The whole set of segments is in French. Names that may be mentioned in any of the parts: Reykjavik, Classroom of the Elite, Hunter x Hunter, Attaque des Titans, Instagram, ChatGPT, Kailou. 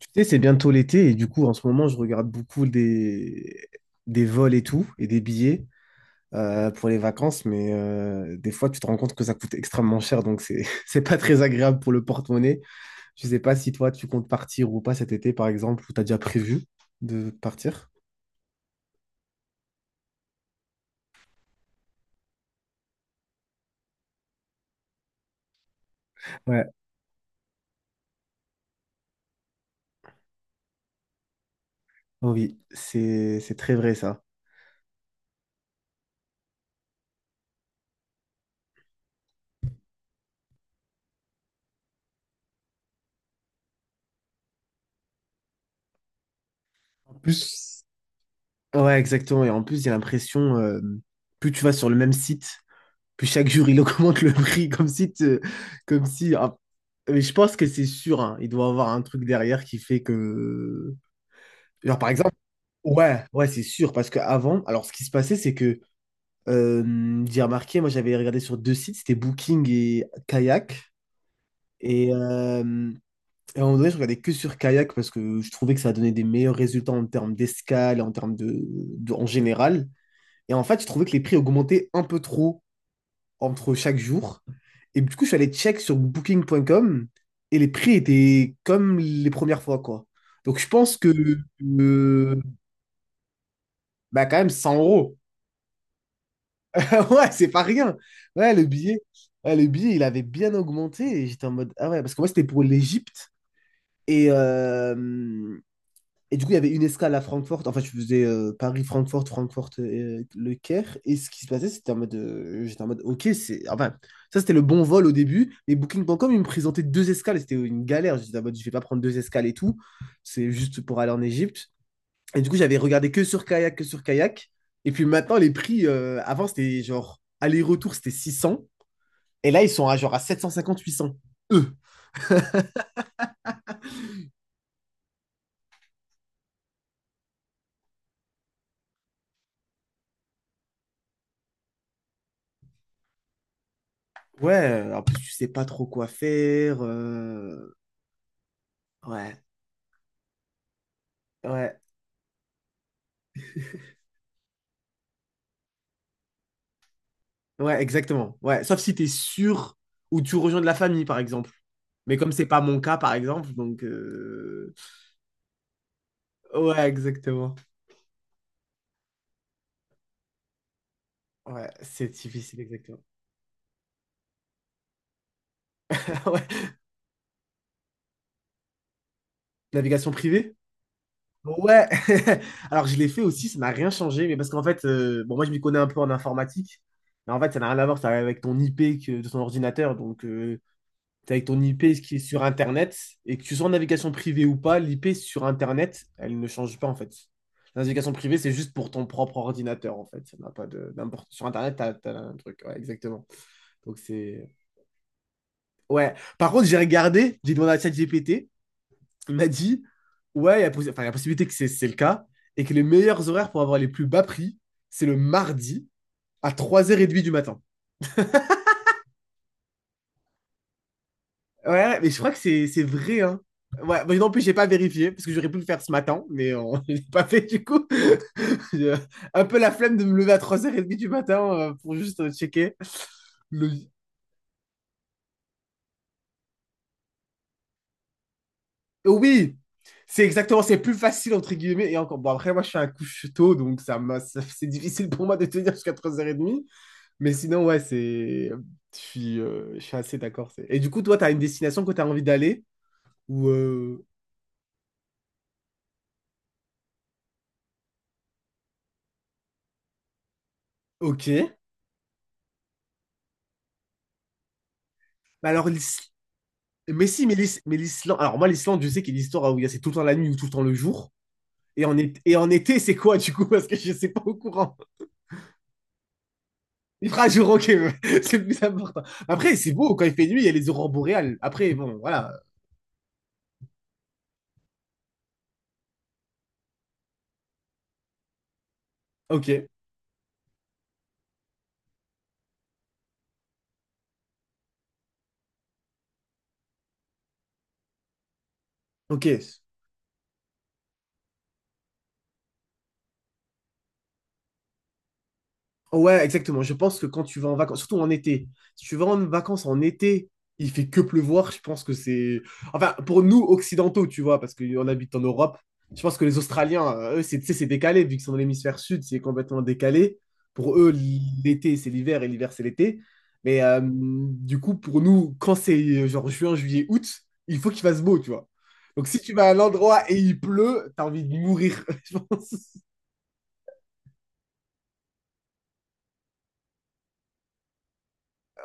Tu sais, c'est bientôt l'été et du coup, en ce moment, je regarde beaucoup des vols et tout, et des billets pour les vacances, mais des fois, tu te rends compte que ça coûte extrêmement cher, donc c'est c'est pas très agréable pour le porte-monnaie. Je sais pas si toi, tu comptes partir ou pas cet été, par exemple, ou t'as déjà prévu de partir. Ouais. Oui, c'est très vrai ça. En plus, ouais, exactement. Et en plus, j'ai l'impression, plus tu vas sur le même site, puis chaque jour, il augmente le prix comme si, comme si. Ah, mais je pense que c'est sûr, hein, il doit avoir un truc derrière qui fait que. Genre, par exemple, ouais, ouais, c'est sûr. Parce qu'avant, alors ce qui se passait, c'est que j'ai remarqué, moi j'avais regardé sur deux sites, c'était Booking et Kayak. Et, euh, et à un moment donné, je regardais que sur Kayak parce que je trouvais que ça donnait des meilleurs résultats en termes d'escale, et en termes en général. Et en fait, je trouvais que les prix augmentaient un peu trop, entre chaque jour. Et du coup, je suis allé check sur booking.com et les prix étaient comme les premières fois, quoi. Donc, je pense que, euh, bah, quand même, 100 euros. Ouais, c'est pas rien. Ouais, le billet, ouais, le billet, il avait bien augmenté. Et j'étais en mode, ah ouais, parce que moi, c'était pour l'Égypte. Et, euh, Et du coup, il y avait une escale à Francfort. Enfin, je faisais Paris, Francfort, Francfort, Le Caire. Et ce qui se passait, c'était en mode. J'étais en mode, ok, c'est. Enfin, ça, c'était le bon vol au début. Mais Booking.com, il me présentait deux escales. Et c'était une galère. J'étais en mode, je vais pas prendre deux escales et tout. C'est juste pour aller en Égypte. Et du coup, j'avais regardé que sur kayak. Et puis maintenant, les prix, avant, c'était genre, aller-retour, c'était 600. Et là, ils sont à genre à 750, 800. Eux. Ouais, en plus, tu sais pas trop quoi faire. Ouais. Ouais. Ouais, exactement. Ouais, sauf si tu es sûr ou tu rejoins de la famille, par exemple. Mais comme c'est pas mon cas, par exemple, donc ouais, exactement. Ouais, c'est difficile, exactement. Ouais. Navigation privée? Ouais. Alors je l'ai fait aussi, ça n'a rien changé, mais parce qu'en fait, bon, moi je m'y connais un peu en informatique, mais en fait ça n'a rien à voir, ça va avec ton IP que, de ton ordinateur, donc t'es avec ton IP qui est sur Internet, et que tu sois en navigation privée ou pas, l'IP sur Internet, elle ne change pas en fait. La navigation privée, c'est juste pour ton propre ordinateur en fait. Ça n'a pas d'importance. Sur Internet, t'as un truc, ouais, exactement. Donc c'est. Ouais. Par contre, j'ai regardé, j'ai demandé à ChatGPT, il m'a dit, ouais, il y a, possi- enfin, il y a possibilité que c'est le cas, et que les meilleurs horaires pour avoir les plus bas prix, c'est le mardi à trois heures 30 du matin. Ouais, mais je crois que c'est vrai, hein. Ouais, mais non plus, j'ai pas vérifié, parce que j'aurais pu le faire ce matin, mais on... je l'ai pas fait du coup. J'ai un peu la flemme de me lever à 3h30 du matin pour juste checker. Le- Oui, c'est exactement, c'est plus facile entre guillemets. Et encore, bon, après, moi je fais un couche tôt, donc c'est difficile pour moi de tenir jusqu'à 3h30. Mais sinon, ouais, c'est. Je suis assez d'accord. Et du coup, toi, t'as une destination que t'as envie d'aller? Ou. Ok. Mais alors, mais si, mais l'Islande. Alors, moi, l'Islande, je sais qu'il y a l'histoire où c'est tout le temps la nuit ou tout le temps le jour. Et en été, c'est quoi, du coup? Parce que je ne sais pas au courant. Il fera jour, ok, c'est le plus important. Après, c'est beau, quand il fait nuit, il y a les aurores boréales. Après, bon, voilà. Ok, ok. Ouais, exactement. Je pense que quand tu vas en vacances, surtout en été, si tu vas en vacances en été, il fait que pleuvoir. Je pense que c'est. Enfin, pour nous, occidentaux, tu vois, parce qu'on habite en Europe, je pense que les Australiens, eux, c'est tu sais, c'est décalé, vu qu'ils sont dans l'hémisphère sud, c'est complètement décalé. Pour eux, l'été, c'est l'hiver et l'hiver, c'est l'été. Mais du coup, pour nous, quand c'est genre juin, juillet, août, il faut qu'il fasse beau, tu vois. Donc si tu vas à un endroit et il pleut, t'as envie de mourir, je pense.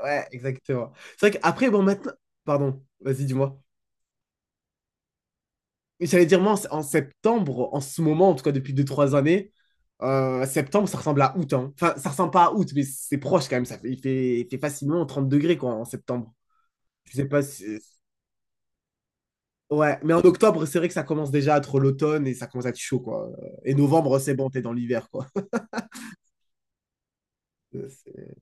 Ouais, exactement. C'est vrai qu'après, bon, maintenant. Pardon, vas-y, dis-moi. Mais j'allais dire, moi, en septembre, en ce moment, en tout cas depuis deux trois années, septembre, ça ressemble à août. Hein. Enfin, ça ressemble pas à août, mais c'est proche quand même. Ça fait, il fait facilement 30 degrés, quoi, en septembre. Je sais pas si. Ouais, mais en octobre, c'est vrai que ça commence déjà à être l'automne et ça commence à être chaud, quoi. Et novembre, c'est bon, t'es dans l'hiver, quoi. Euh, c'est-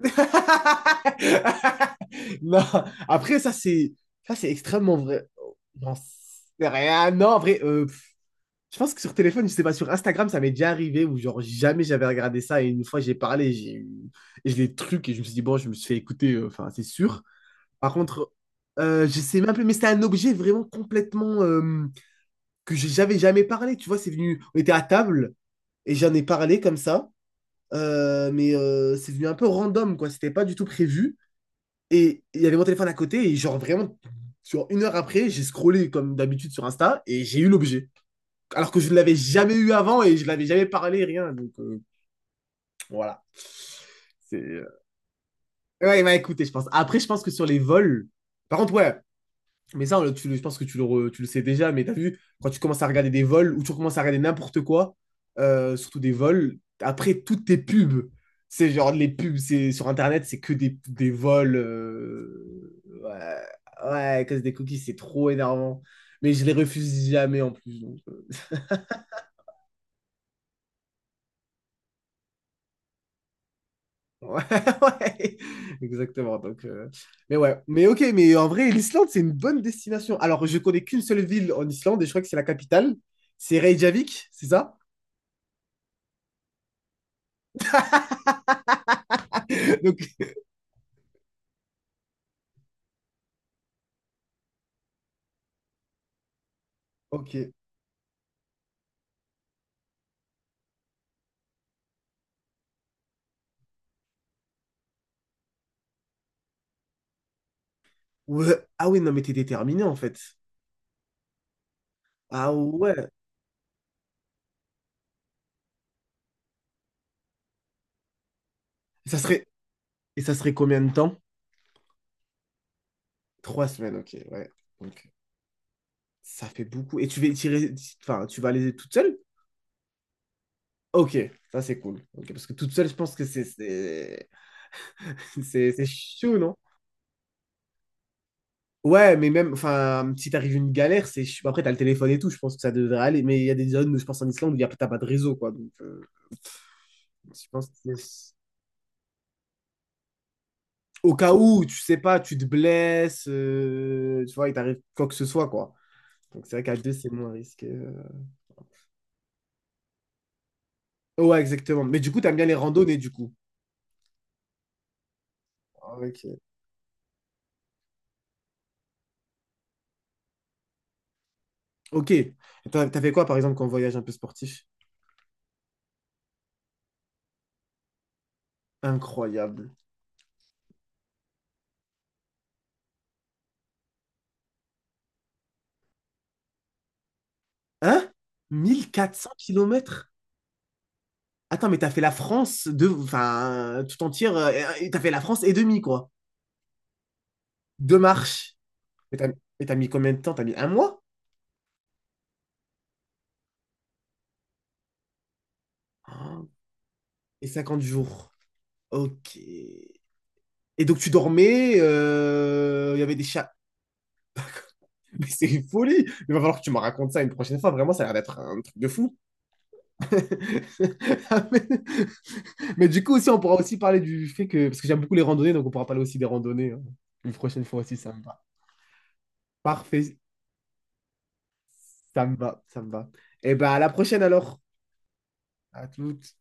Non, après, ça, c'est extrêmement vrai. J'en sais rien. Non, en vrai, je pense que sur téléphone, je sais pas, sur Instagram, ça m'est déjà arrivé où genre jamais j'avais regardé ça et une fois j'ai parlé, j'ai eu et je l'ai truc et je me suis dit bon, je me suis fait écouter, enfin c'est sûr. Par contre, je sais même plus, mais c'était un objet vraiment complètement que j'avais jamais parlé. Tu vois, c'est venu, on était à table et j'en ai parlé comme ça, mais c'est venu un peu random quoi, c'était pas du tout prévu et il y avait mon téléphone à côté et genre vraiment sur une heure après, j'ai scrollé comme d'habitude sur Insta et j'ai eu l'objet alors que je ne l'avais jamais eu avant et je ne l'avais jamais parlé, rien. Donc voilà. C'est, euh, Ouais, il écoutez je pense. Après, je pense que sur les vols. Par contre, ouais, mais ça, on le- tu, le- je pense que tu le sais déjà, mais t'as vu, quand tu commences à regarder des vols ou tu commences à regarder n'importe quoi, surtout des vols, après toutes tes pubs, c'est genre les pubs c'est sur Internet, c'est que des vols. Ouais, ouais, à cause des cookies, c'est trop énervant. Mais je les refuse jamais en plus. Donc. Ouais, ouais, exactement. Donc, mais ouais, mais ok, mais en vrai, l'Islande, c'est une bonne destination. Alors, je connais qu'une seule ville en Islande et je crois que c'est la capitale. C'est Reykjavik, c'est ça? Donc, ok. Ouais. Ah oui, non, mais t'es déterminé en fait. Ah ouais. Ça serait... Et ça serait combien de temps? 3 semaines, ok, ouais. Donc, ça fait beaucoup. Et tu vas tirer... Enfin, tu vas aller toute seule? Ok, ça c'est cool. Ok, parce que toute seule, je pense que c'est... C'est c'est chaud, non? Ouais, mais même, enfin, si t'arrives une galère, c'est. Après, t'as le téléphone et tout, je pense que ça devrait aller. Mais il y a des zones, je pense en Islande, où t'as pas de réseau, quoi. Donc, je pense que au cas où, tu sais pas, tu te blesses, tu vois, il t'arrive quoi que ce soit, quoi. Donc, c'est vrai qu'à deux, c'est moins risqué. Ouais, exactement. Mais du coup, t'aimes bien les randonnées, du coup. Ah, ok. Ok. T'as fait quoi, par exemple, quand on voyage un peu sportif? Incroyable. Hein? 1 400 kilomètres. Attends, mais t'as fait la France de. Enfin, tout entière. Et t'as fait la France et demi, quoi. Deux marches. Mais t'as mais t'as mis combien de temps? T'as mis un mois? Ah, et 50 jours. Ok. Et donc, tu dormais. Il y avait des chats. Mais c'est une folie! Il va falloir que tu me racontes ça une prochaine fois. Vraiment, ça a l'air d'être un truc de fou. Ah, mais du coup, aussi, on pourra aussi parler du fait que. Parce que j'aime beaucoup les randonnées, donc on pourra parler aussi des randonnées. Hein. Une prochaine fois aussi, ça me va. Parfait. Ça me va. Ça me va. Et bah, à la prochaine alors. À toutes.